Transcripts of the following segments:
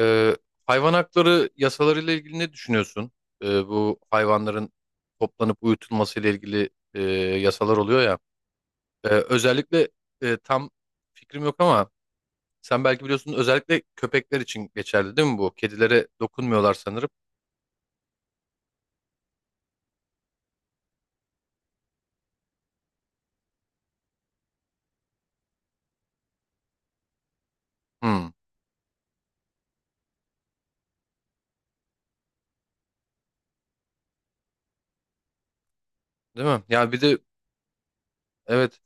Ee, Hayvan hakları yasalarıyla ilgili ne düşünüyorsun? Bu hayvanların toplanıp uyutulması ile ilgili yasalar oluyor ya. Özellikle tam fikrim yok ama sen belki biliyorsun, özellikle köpekler için geçerli değil mi bu? Kedilere dokunmuyorlar sanırım. Hmm, değil mi? Ya bir de, evet,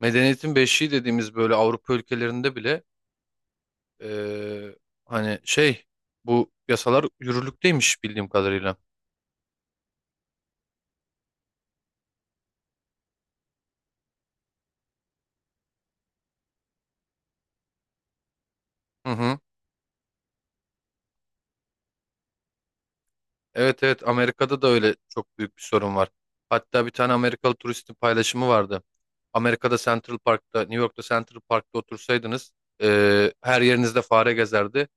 medeniyetin beşiği dediğimiz böyle Avrupa ülkelerinde bile e, hani şey bu yasalar yürürlükteymiş bildiğim kadarıyla. Hı hı. Evet, evet, Amerika'da da öyle çok büyük bir sorun var. Hatta bir tane Amerikalı turistin paylaşımı vardı. Amerika'da Central Park'ta, New York'ta Central Park'ta otursaydınız her yerinizde fare gezerdi.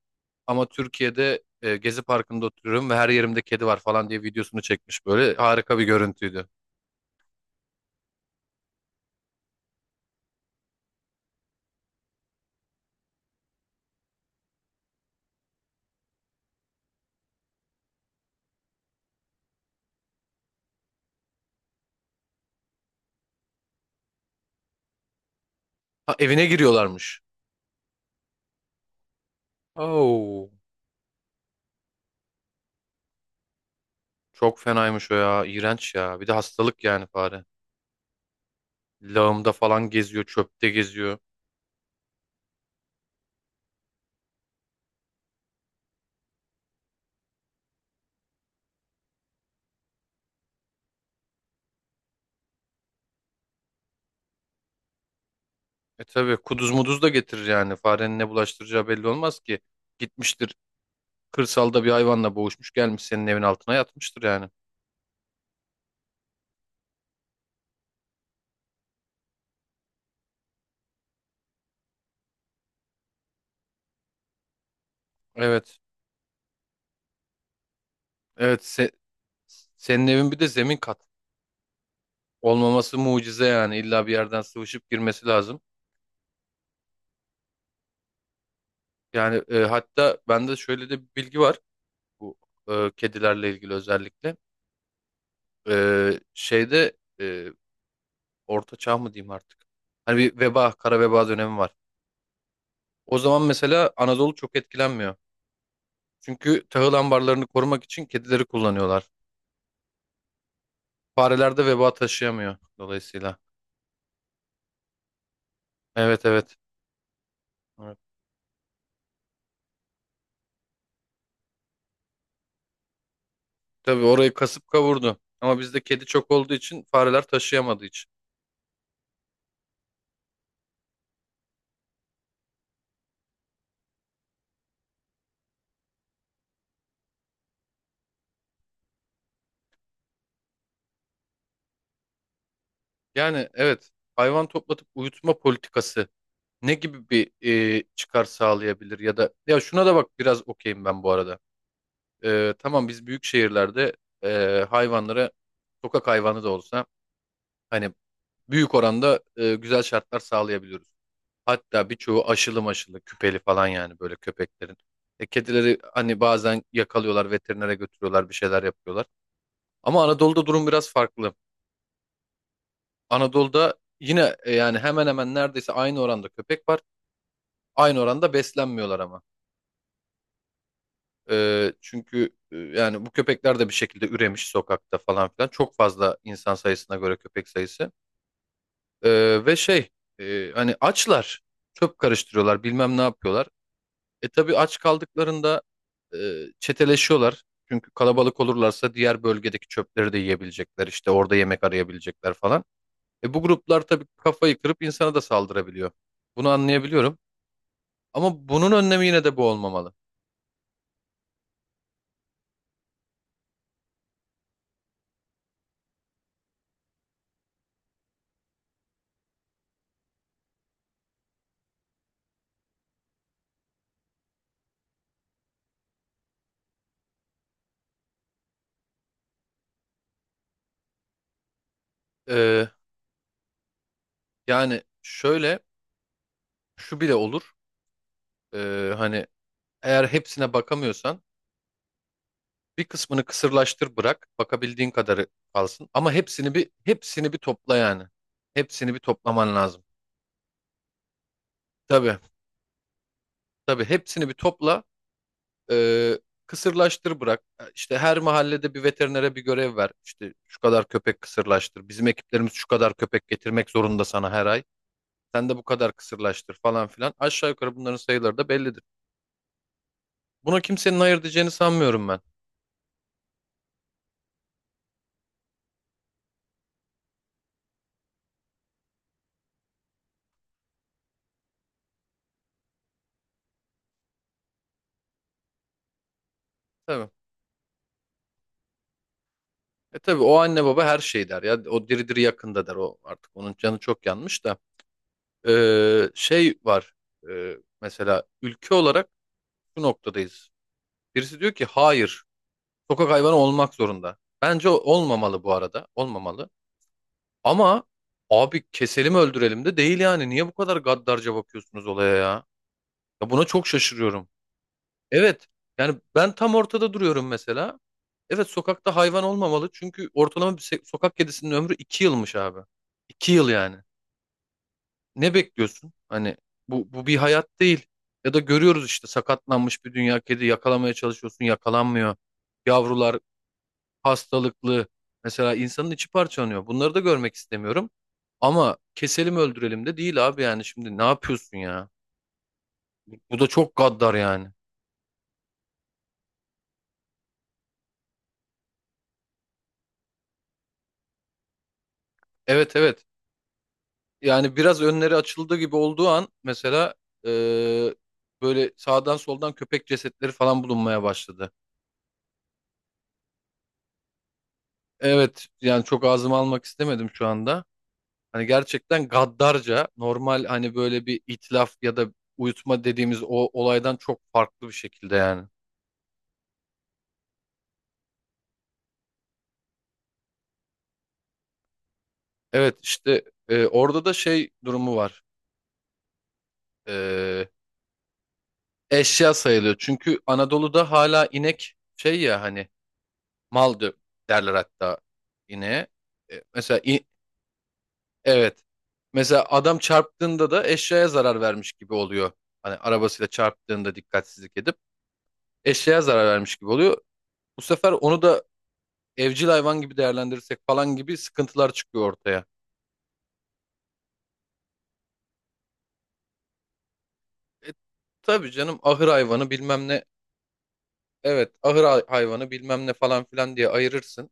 Ama Türkiye'de Gezi Parkı'nda oturuyorum ve her yerimde kedi var falan diye videosunu çekmiş böyle. Harika bir görüntüydü. Ha, evine giriyorlarmış. Oo, çok fenaymış o ya. İğrenç ya. Bir de hastalık yani, fare. Lağımda falan geziyor, çöpte geziyor. E tabii kuduz muduz da getirir yani. Farenin ne bulaştıracağı belli olmaz ki. Gitmiştir kırsalda, bir hayvanla boğuşmuş gelmiş senin evin altına yatmıştır yani. Evet. Evet, senin evin bir de zemin kat. Olmaması mucize yani. İlla bir yerden sıvışıp girmesi lazım. Yani, hatta bende şöyle de bir bilgi var. Bu kedilerle ilgili özellikle. E, şeyde orta çağ mı diyeyim artık. Hani bir veba, kara veba dönemi var. O zaman mesela Anadolu çok etkilenmiyor. Çünkü tahıl ambarlarını korumak için kedileri kullanıyorlar. Fareler de veba taşıyamıyor dolayısıyla. Evet, evet. Evet. Tabii orayı kasıp kavurdu. Ama bizde kedi çok olduğu için, fareler taşıyamadığı için. Yani evet, hayvan toplatıp uyutma politikası ne gibi bir çıkar sağlayabilir ya da, ya şuna da bak biraz okeyim ben bu arada. E, tamam, biz büyük şehirlerde hayvanlara, sokak hayvanı da olsa, hani büyük oranda güzel şartlar sağlayabiliyoruz. Hatta birçoğu aşılı maşılı küpeli falan yani, böyle köpeklerin. E, kedileri hani bazen yakalıyorlar, veterinere götürüyorlar, bir şeyler yapıyorlar. Ama Anadolu'da durum biraz farklı. Anadolu'da yine yani hemen hemen neredeyse aynı oranda köpek var. Aynı oranda beslenmiyorlar ama. E, çünkü yani bu köpekler de bir şekilde üremiş sokakta falan filan. Çok fazla, insan sayısına göre köpek sayısı. E, ve şey, hani açlar çöp karıştırıyorlar, bilmem ne yapıyorlar. E tabii aç kaldıklarında e, çeteleşiyorlar. Çünkü kalabalık olurlarsa diğer bölgedeki çöpleri de yiyebilecekler. İşte orada yemek arayabilecekler falan. E, bu gruplar tabii kafayı kırıp insana da saldırabiliyor. Bunu anlayabiliyorum. Ama bunun önlemi yine de bu olmamalı. E, yani şöyle, şu bile olur. E, hani eğer hepsine bakamıyorsan bir kısmını kısırlaştır bırak. Bakabildiğin kadarı kalsın. Ama hepsini bir topla yani. Hepsini bir toplaman lazım. Tabii, tabii, hepsini bir topla. Ee, Kısırlaştır bırak. İşte her mahallede bir veterinere bir görev ver. İşte şu kadar köpek kısırlaştır. Bizim ekiplerimiz şu kadar köpek getirmek zorunda sana her ay. Sen de bu kadar kısırlaştır falan filan. Aşağı yukarı bunların sayıları da bellidir. Buna kimsenin hayır diyeceğini sanmıyorum ben. Tabii. E tabii o anne baba her şey der ya. O diri diri yakında der o artık. Onun canı çok yanmış da. Şey var. Mesela ülke olarak şu noktadayız. Birisi diyor ki hayır. Sokak hayvanı olmak zorunda. Bence olmamalı bu arada. Olmamalı. Ama abi keselim öldürelim de değil yani. Niye bu kadar gaddarca bakıyorsunuz olaya ya? Ya buna çok şaşırıyorum. Evet. Yani ben tam ortada duruyorum mesela. Evet, sokakta hayvan olmamalı. Çünkü ortalama bir sokak kedisinin ömrü 2 yılmış abi. 2 yıl yani. Ne bekliyorsun? Hani bu bir hayat değil. Ya da görüyoruz işte, sakatlanmış bir dünya kedi yakalamaya çalışıyorsun, yakalanmıyor. Yavrular hastalıklı. Mesela insanın içi parçalanıyor. Bunları da görmek istemiyorum. Ama keselim öldürelim de değil abi, yani şimdi ne yapıyorsun ya? Bu da çok gaddar yani. Evet, evet. Yani biraz önleri açıldı gibi olduğu an mesela eee, böyle sağdan soldan köpek cesetleri falan bulunmaya başladı. Evet, yani çok ağzıma almak istemedim şu anda. Hani gerçekten gaddarca, normal hani böyle bir itlaf ya da uyutma dediğimiz o olaydan çok farklı bir şekilde yani. Evet, işte orada da şey durumu var. E, eşya sayılıyor. Çünkü Anadolu'da hala inek şey ya hani, mal derler hatta ineğe. E, mesela evet. Mesela adam çarptığında da eşyaya zarar vermiş gibi oluyor. Hani arabasıyla çarptığında dikkatsizlik edip eşyaya zarar vermiş gibi oluyor. Bu sefer onu da evcil hayvan gibi değerlendirirsek falan gibi sıkıntılar çıkıyor ortaya. E, tabii canım, ahır hayvanı bilmem ne. Evet, ahır hayvanı bilmem ne falan filan diye ayırırsın.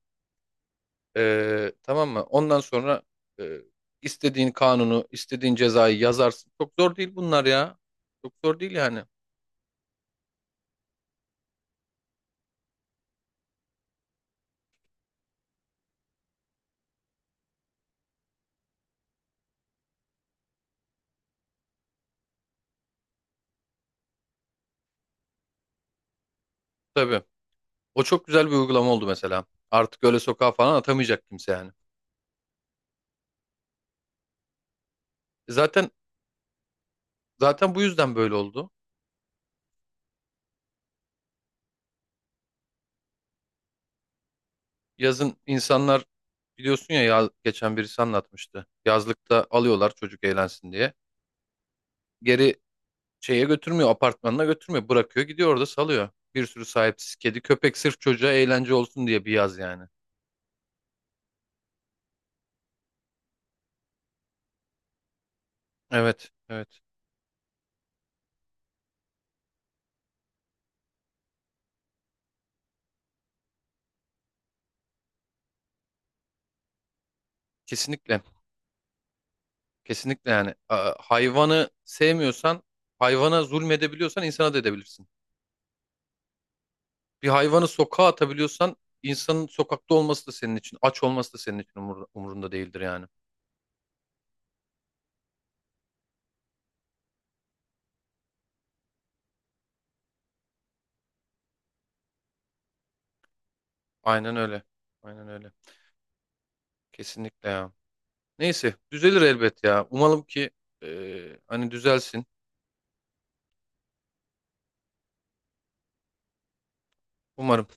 Tamam mı? Ondan sonra e, istediğin kanunu, istediğin cezayı yazarsın. Çok zor değil bunlar ya. Çok zor değil yani. Tabii. O çok güzel bir uygulama oldu mesela. Artık öyle sokağa falan atamayacak kimse yani. E Zaten zaten bu yüzden böyle oldu. Yazın insanlar biliyorsun ya, ya geçen birisi anlatmıştı. Yazlıkta alıyorlar çocuk eğlensin diye. Geri şeye götürmüyor, apartmanına götürmüyor. Bırakıyor gidiyor orada salıyor. Bir sürü sahipsiz kedi köpek, sırf çocuğa eğlence olsun diye bir yaz yani. Evet, evet. Kesinlikle. Kesinlikle yani. Hayvanı sevmiyorsan, hayvana zulmedebiliyorsan insana da edebilirsin. Bir hayvanı sokağa atabiliyorsan, insanın sokakta olması da senin için, aç olması da senin için umurunda değildir yani. Aynen öyle. Aynen öyle. Kesinlikle ya. Neyse düzelir elbet ya. Umalım ki hani düzelsin. Umarım.